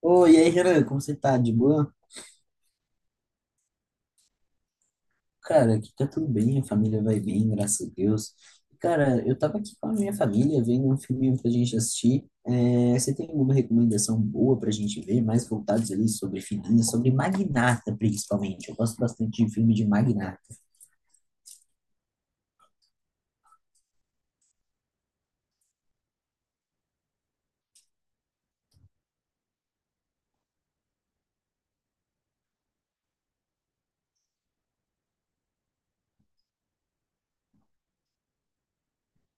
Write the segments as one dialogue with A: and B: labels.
A: Oi, e aí, Renan, como você tá? De boa? Cara, aqui tá tudo bem, a família vai bem, graças a Deus. Cara, eu tava aqui com a minha família vendo um filminho pra gente assistir. É, você tem alguma recomendação boa pra gente ver, mais voltados ali sobre finanças, sobre magnata, principalmente? Eu gosto bastante de filme de magnata.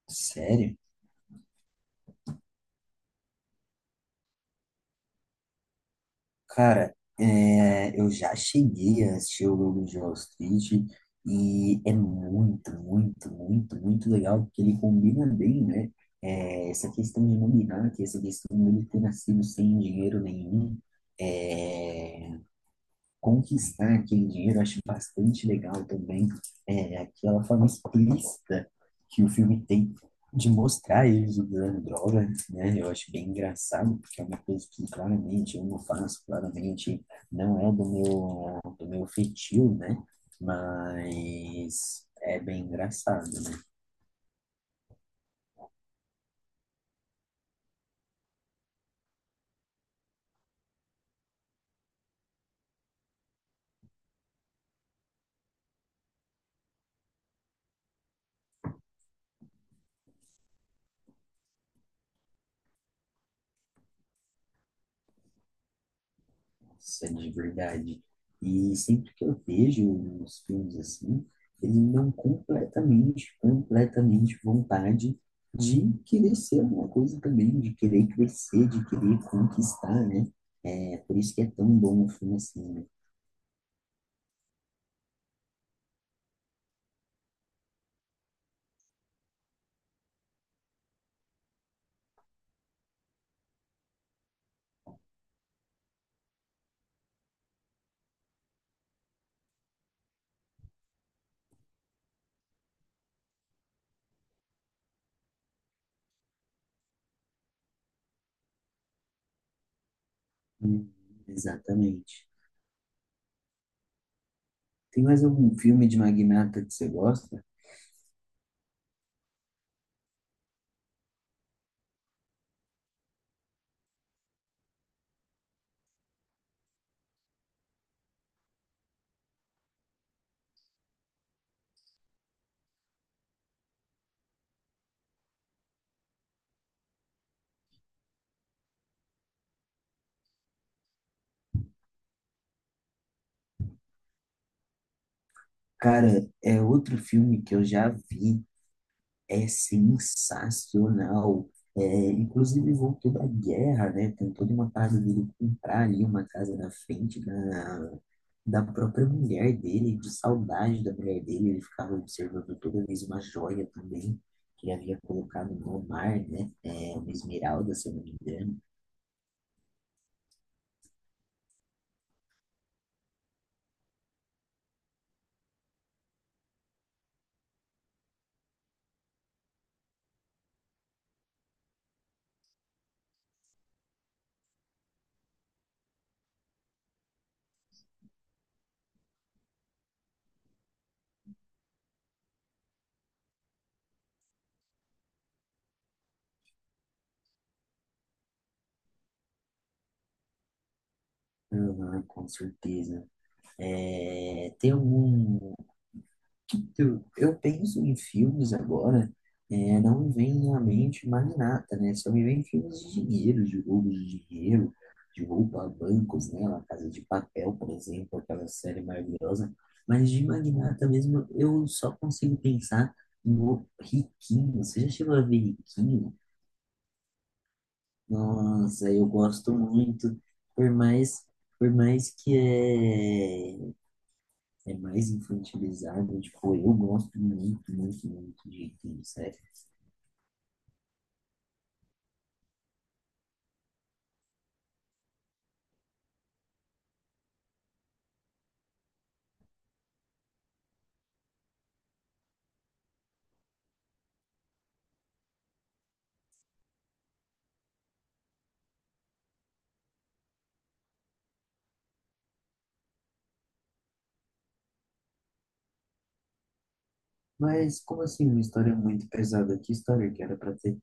A: Sério? Cara, é, eu já cheguei a assistir o Lobo de Wall Street e é muito, muito, muito, muito legal porque ele combina bem, né? É, essa questão de nominato, essa questão dele ter nascido sem dinheiro nenhum. eh, Conquistar aquele dinheiro, eu acho bastante legal também, é aquela forma explícita que o filme tem de mostrar eles usando droga, né? Eu acho bem engraçado, porque é uma coisa que claramente eu não faço, claramente não é do meu feitio, né? Mas é bem engraçado, né? Nossa, de verdade. E sempre que eu vejo os filmes assim, eles me dão completamente, completamente vontade de querer ser alguma coisa também, de querer crescer, de querer conquistar, né? É por isso que é tão bom um filme assim, né? Hum, exatamente. Tem mais algum filme de magnata que você gosta? Cara, é outro filme que eu já vi. É sensacional. É, inclusive voltou da guerra, né? Tem toda uma parte dele comprar ali uma casa na frente da própria mulher dele, de saudade da mulher dele. Ele ficava observando toda vez uma joia também, que ele havia colocado no mar, né? É, uma esmeralda, se eu não me engano. Aham, com certeza. É, tem algum... Eu penso em filmes agora, é, não me vem à mente mais nada, né? Só me vem filmes de dinheiro, de roubo de dinheiro, de roubo a bancos, né? La Casa de Papel, por exemplo, aquela série maravilhosa. Mas de magnata mesmo, eu só consigo pensar no Riquinho. Você já chegou a ver Riquinho? Nossa, eu gosto muito, por mais, por mais que é é mais infantilizado. Tipo, eu gosto muito, muito, muito de Entende Sério. Mas como assim uma história muito pesada? Que história que era pra ter?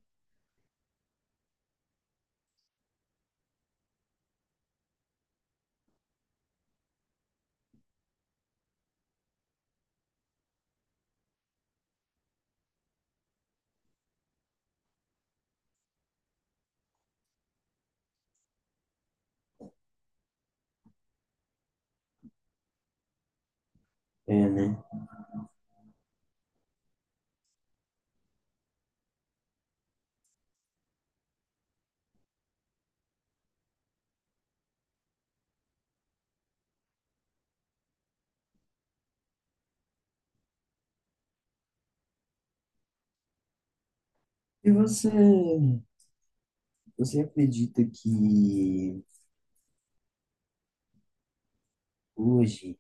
A: É, né? E você, você acredita que hoje,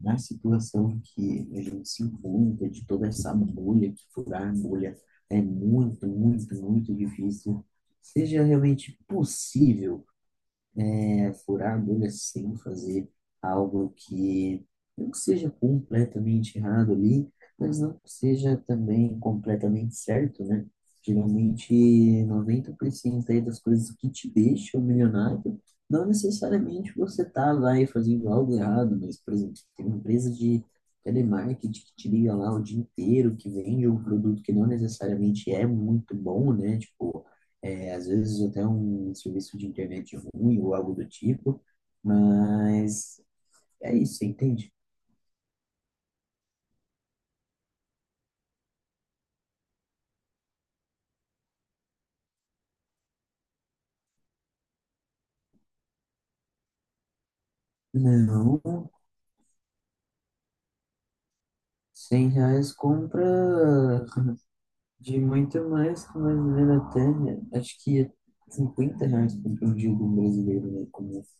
A: na situação que a gente se encontra, de toda essa bolha, que furar a bolha é muito, muito, muito difícil, seja realmente possível é furar a bolha sem fazer algo que não seja completamente errado ali, mas não seja também completamente certo, né? Geralmente, 90% aí das coisas que te deixam milionário, não necessariamente você tá lá e fazendo algo errado, mas, por exemplo, tem uma empresa de telemarketing que te liga lá o dia inteiro, que vende um produto que não necessariamente é muito bom, né? Tipo, é, às vezes até um serviço de internet ruim ou algo do tipo, mas é isso, você entende? Não, 100 reais compra de muito mais que mais ou menos até, acho que é R$ 50 compra um jogo brasileiro no começo.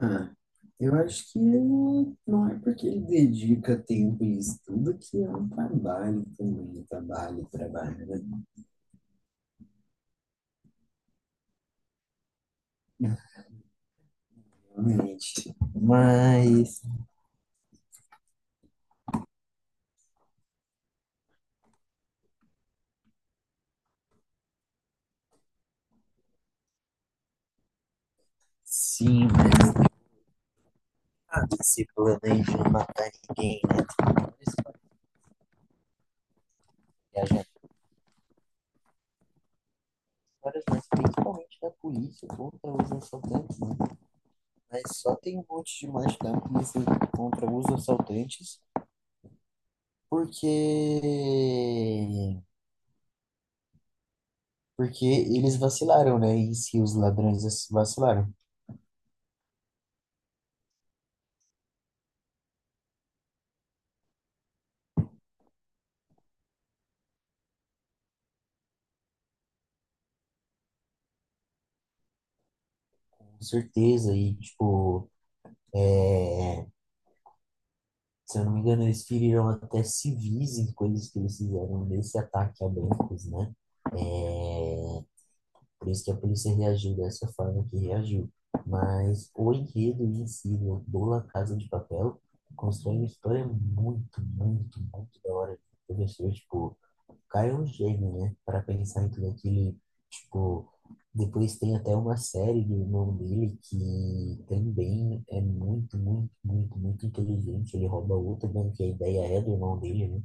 A: Ah, eu acho que não não é porque ele dedica tempo e estudo que é um trabalho também, trabalho, trabalho, né? Realmente. Mas, sim. Ah, se planejam matar ninguém, né? Viajando histórias, mas principalmente da polícia contra os assaltantes, né? Mas só tem um monte de mais da polícia contra os assaltantes porque porque eles vacilaram, né? E se os ladrões vacilaram, com certeza, e tipo, é, se eu não me engano, eles feriram até civis em coisas que eles fizeram nesse ataque a bancos, né? É, por isso que a polícia reagiu dessa forma que reagiu. Mas o enredo em si né, do La Casa de Papel constrói uma história muito, muito, muito da hora. O professor, tipo, o cara é um gênio, né? Para pensar em tudo aquilo, tipo, depois tem até uma série do irmão dele que também é muito, muito, muito, muito inteligente. Ele rouba outra, né? Que a ideia é do irmão dele, né?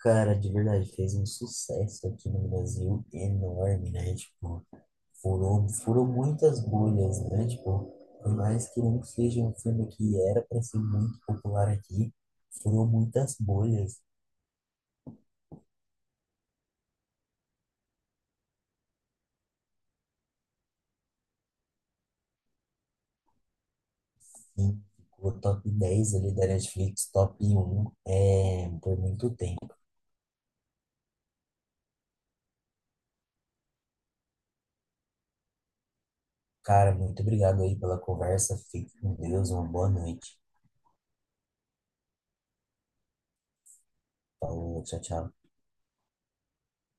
A: Cara, de verdade, fez um sucesso aqui no Brasil enorme, né? Tipo, furou, furou muitas bolhas, né? Tipo, por mais que não seja um filme que era para ser muito popular aqui, furou muitas bolhas, sim. Ficou top 10 ali da Netflix, top um é, por muito tempo. Cara, muito obrigado aí pela conversa. Fique com Deus, uma boa noite. Falou, tchau, tchau.